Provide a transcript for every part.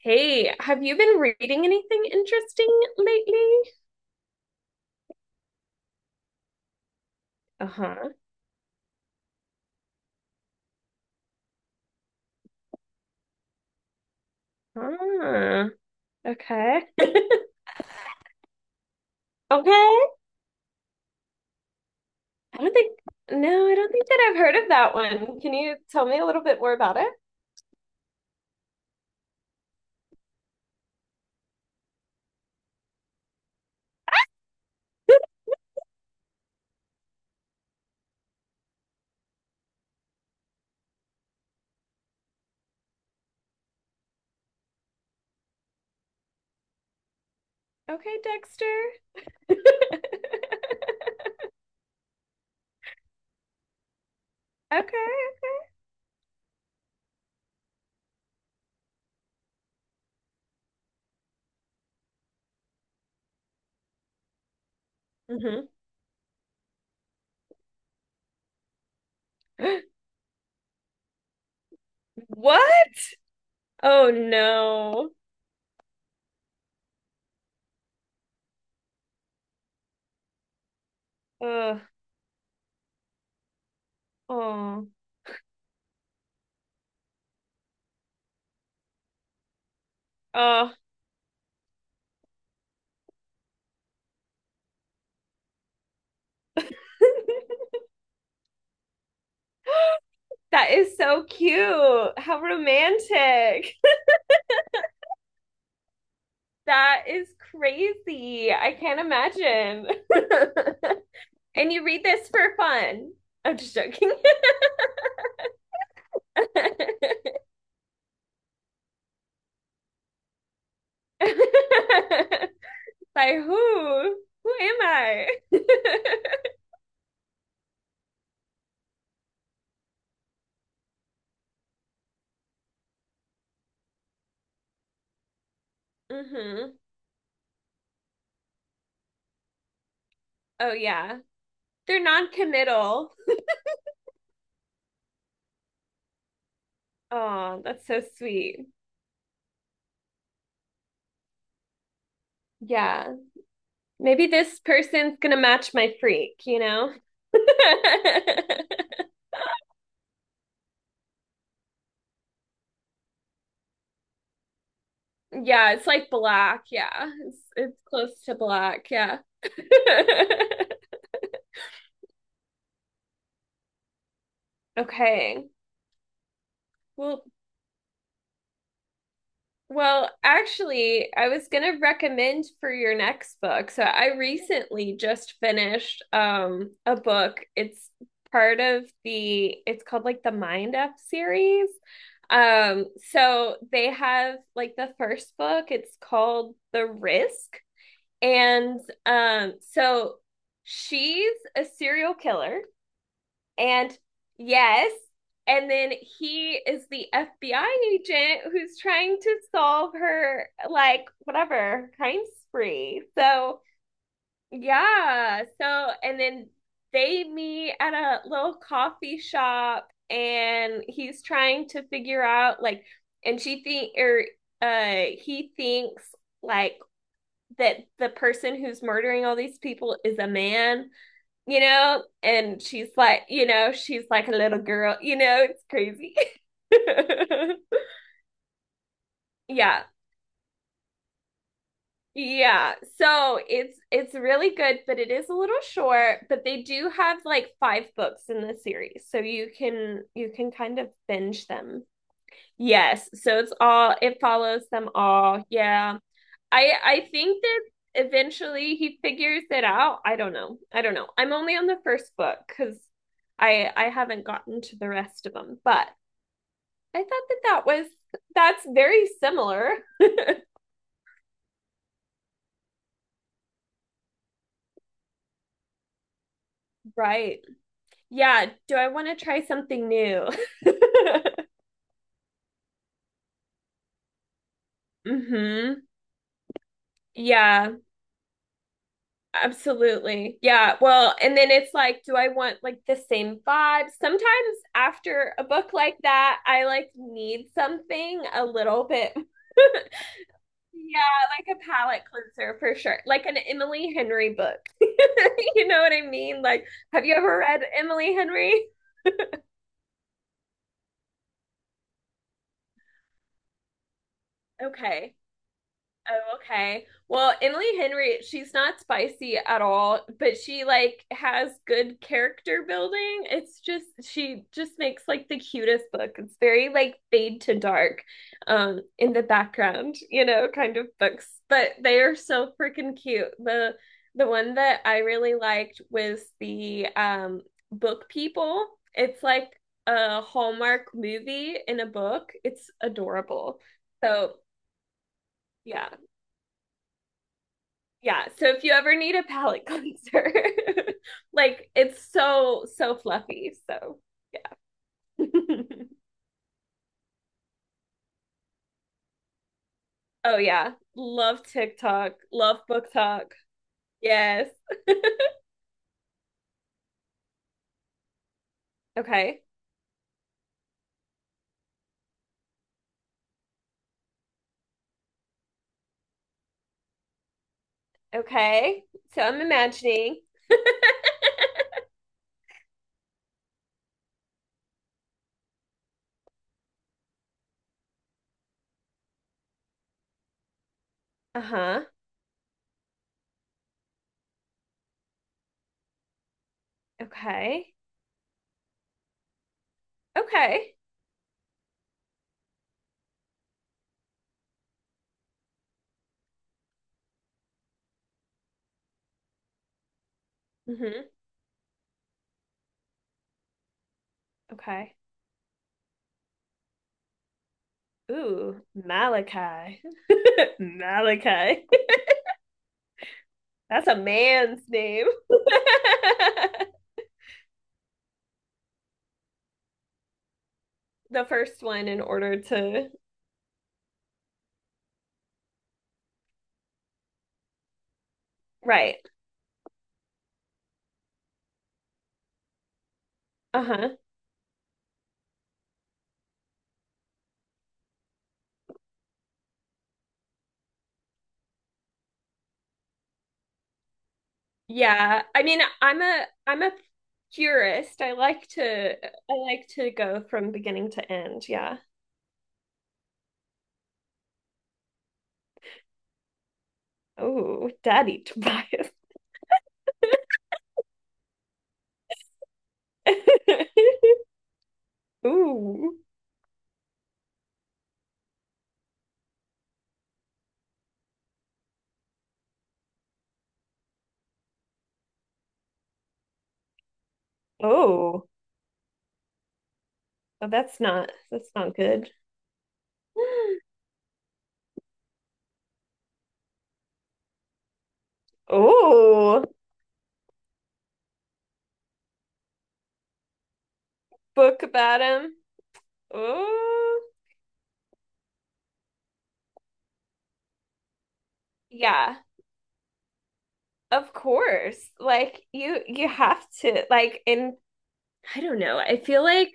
Hey, have you been reading anything interesting lately? Uh-huh. Ah, okay. Okay. I don't think, no, I don't think that I've heard of that one. Can you tell me a little bit more about it? Okay, Dexter. Okay. hmm What? Oh no. Ugh. Oh. Oh. That is so cute. How romantic. That is crazy. I can't imagine. And you read this for fun. I'm just joking. By who? Who am I? hmm Oh, yeah. They're non-committal. Oh, that's so sweet. Yeah. Maybe this person's gonna match my freak? Yeah, it's like black. Yeah. It's close to black. Yeah. Okay. Well, actually, I was gonna recommend for your next book. So I recently just finished a book. It's called like the Mind Up series. Um, so they have like the first book, it's called The Risk. And so she's a serial killer, and yes, and then he is the FBI agent who's trying to solve her like whatever crime spree. So yeah, so and then they meet at a little coffee shop and he's trying to figure out like and she think or he thinks like that the person who's murdering all these people is a man? And she's like, she's like a little girl, it's crazy. Yeah. Yeah. So it's really good, but it is a little short, but they do have like five books in the series. So you can kind of binge them. Yes. So it's all it follows them all. Yeah. I think that eventually he figures it out. I don't know. I don't know. I'm only on the first book cuz I haven't gotten to the rest of them, but I thought that that was that's very similar. Right. Yeah, do I want to try something new? Mhm. Yeah, absolutely. Yeah. Well, and then it's like do I want like the same vibe? Sometimes after a book like that, I like need something a little bit. Yeah, like a palate cleanser for sure. Like an Emily Henry book. You know what I mean? Like, have you ever read Emily Henry? Okay. Oh, okay. Well, Emily Henry, she's not spicy at all, but she like has good character building. It's just she just makes like the cutest book. It's very like fade to dark, in the background, you know, kind of books. But they are so freaking cute. The one that I really liked was the Book People. It's like a Hallmark movie in a book. It's adorable. So yeah. Yeah, so if you ever need a palate cleanser, like it's so so fluffy. So, yeah. Oh yeah, love TikTok, love book talk. Yes. Okay. Okay. So I'm imagining. Uh-huh. Okay. Okay. Mm-hmm. Okay. Ooh, Malachi. Malachi. That's a man's name. The first one in order to. Right. Uh-huh. Yeah, I mean, I'm a purist. I like to go from beginning to end. Yeah. Oh, Daddy Tobias. Ooh. Oh. Oh, that's not good. Oh, book about him. Oh. Yeah, of course. Like you have to like in I don't know. I feel like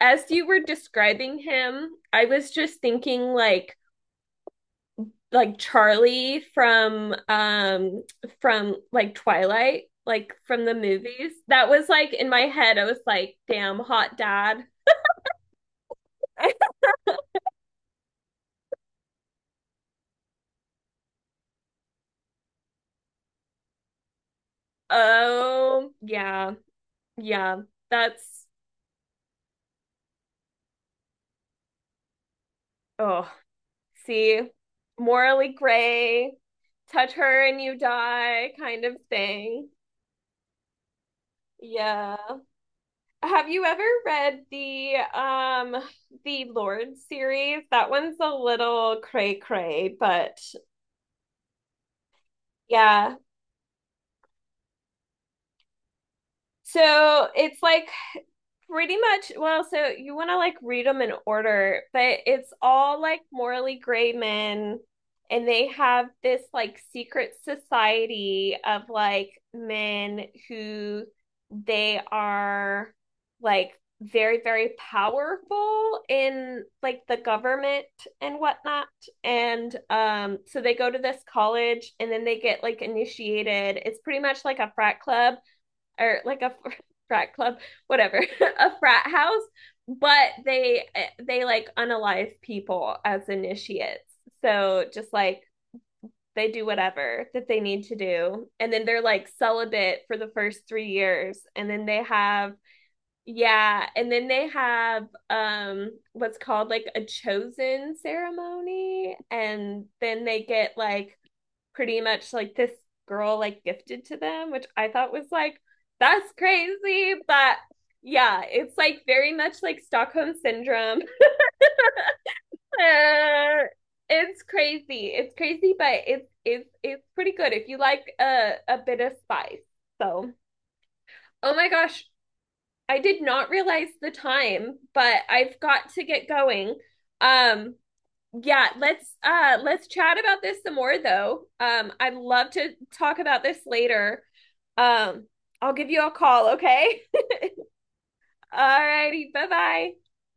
as you were describing him, I was just thinking like Charlie from like Twilight, like from the movies. That was like in my head, I was like, damn, hot dad. Oh yeah, yeah. That's oh see, morally gray, touch her and you die kind of thing. Yeah. Have you ever read the Lord series? That one's a little cray cray, but yeah. So it's like pretty much, well, so you want to like read them in order, but it's all like morally gray men, and they have this like secret society of like men who they are like very, very powerful in like the government and whatnot. And so they go to this college and then they get like initiated. It's pretty much like a frat club or like a frat club, whatever, a frat house, but they like unalive people as initiates. So just like they do whatever that they need to do and then they're like celibate for the first 3 years and then they have yeah, and then they have what's called like a chosen ceremony and then they get like pretty much like this girl like gifted to them, which I thought was like, that's crazy. But yeah, it's like very much like Stockholm syndrome. It's crazy. It's crazy, but it's it's pretty good if you like a bit of spice. So, oh my gosh, I did not realize the time, but I've got to get going. Um, yeah, let's chat about this some more, though I'd love to talk about this later. um I'll give you a call, okay? All righty, bye bye.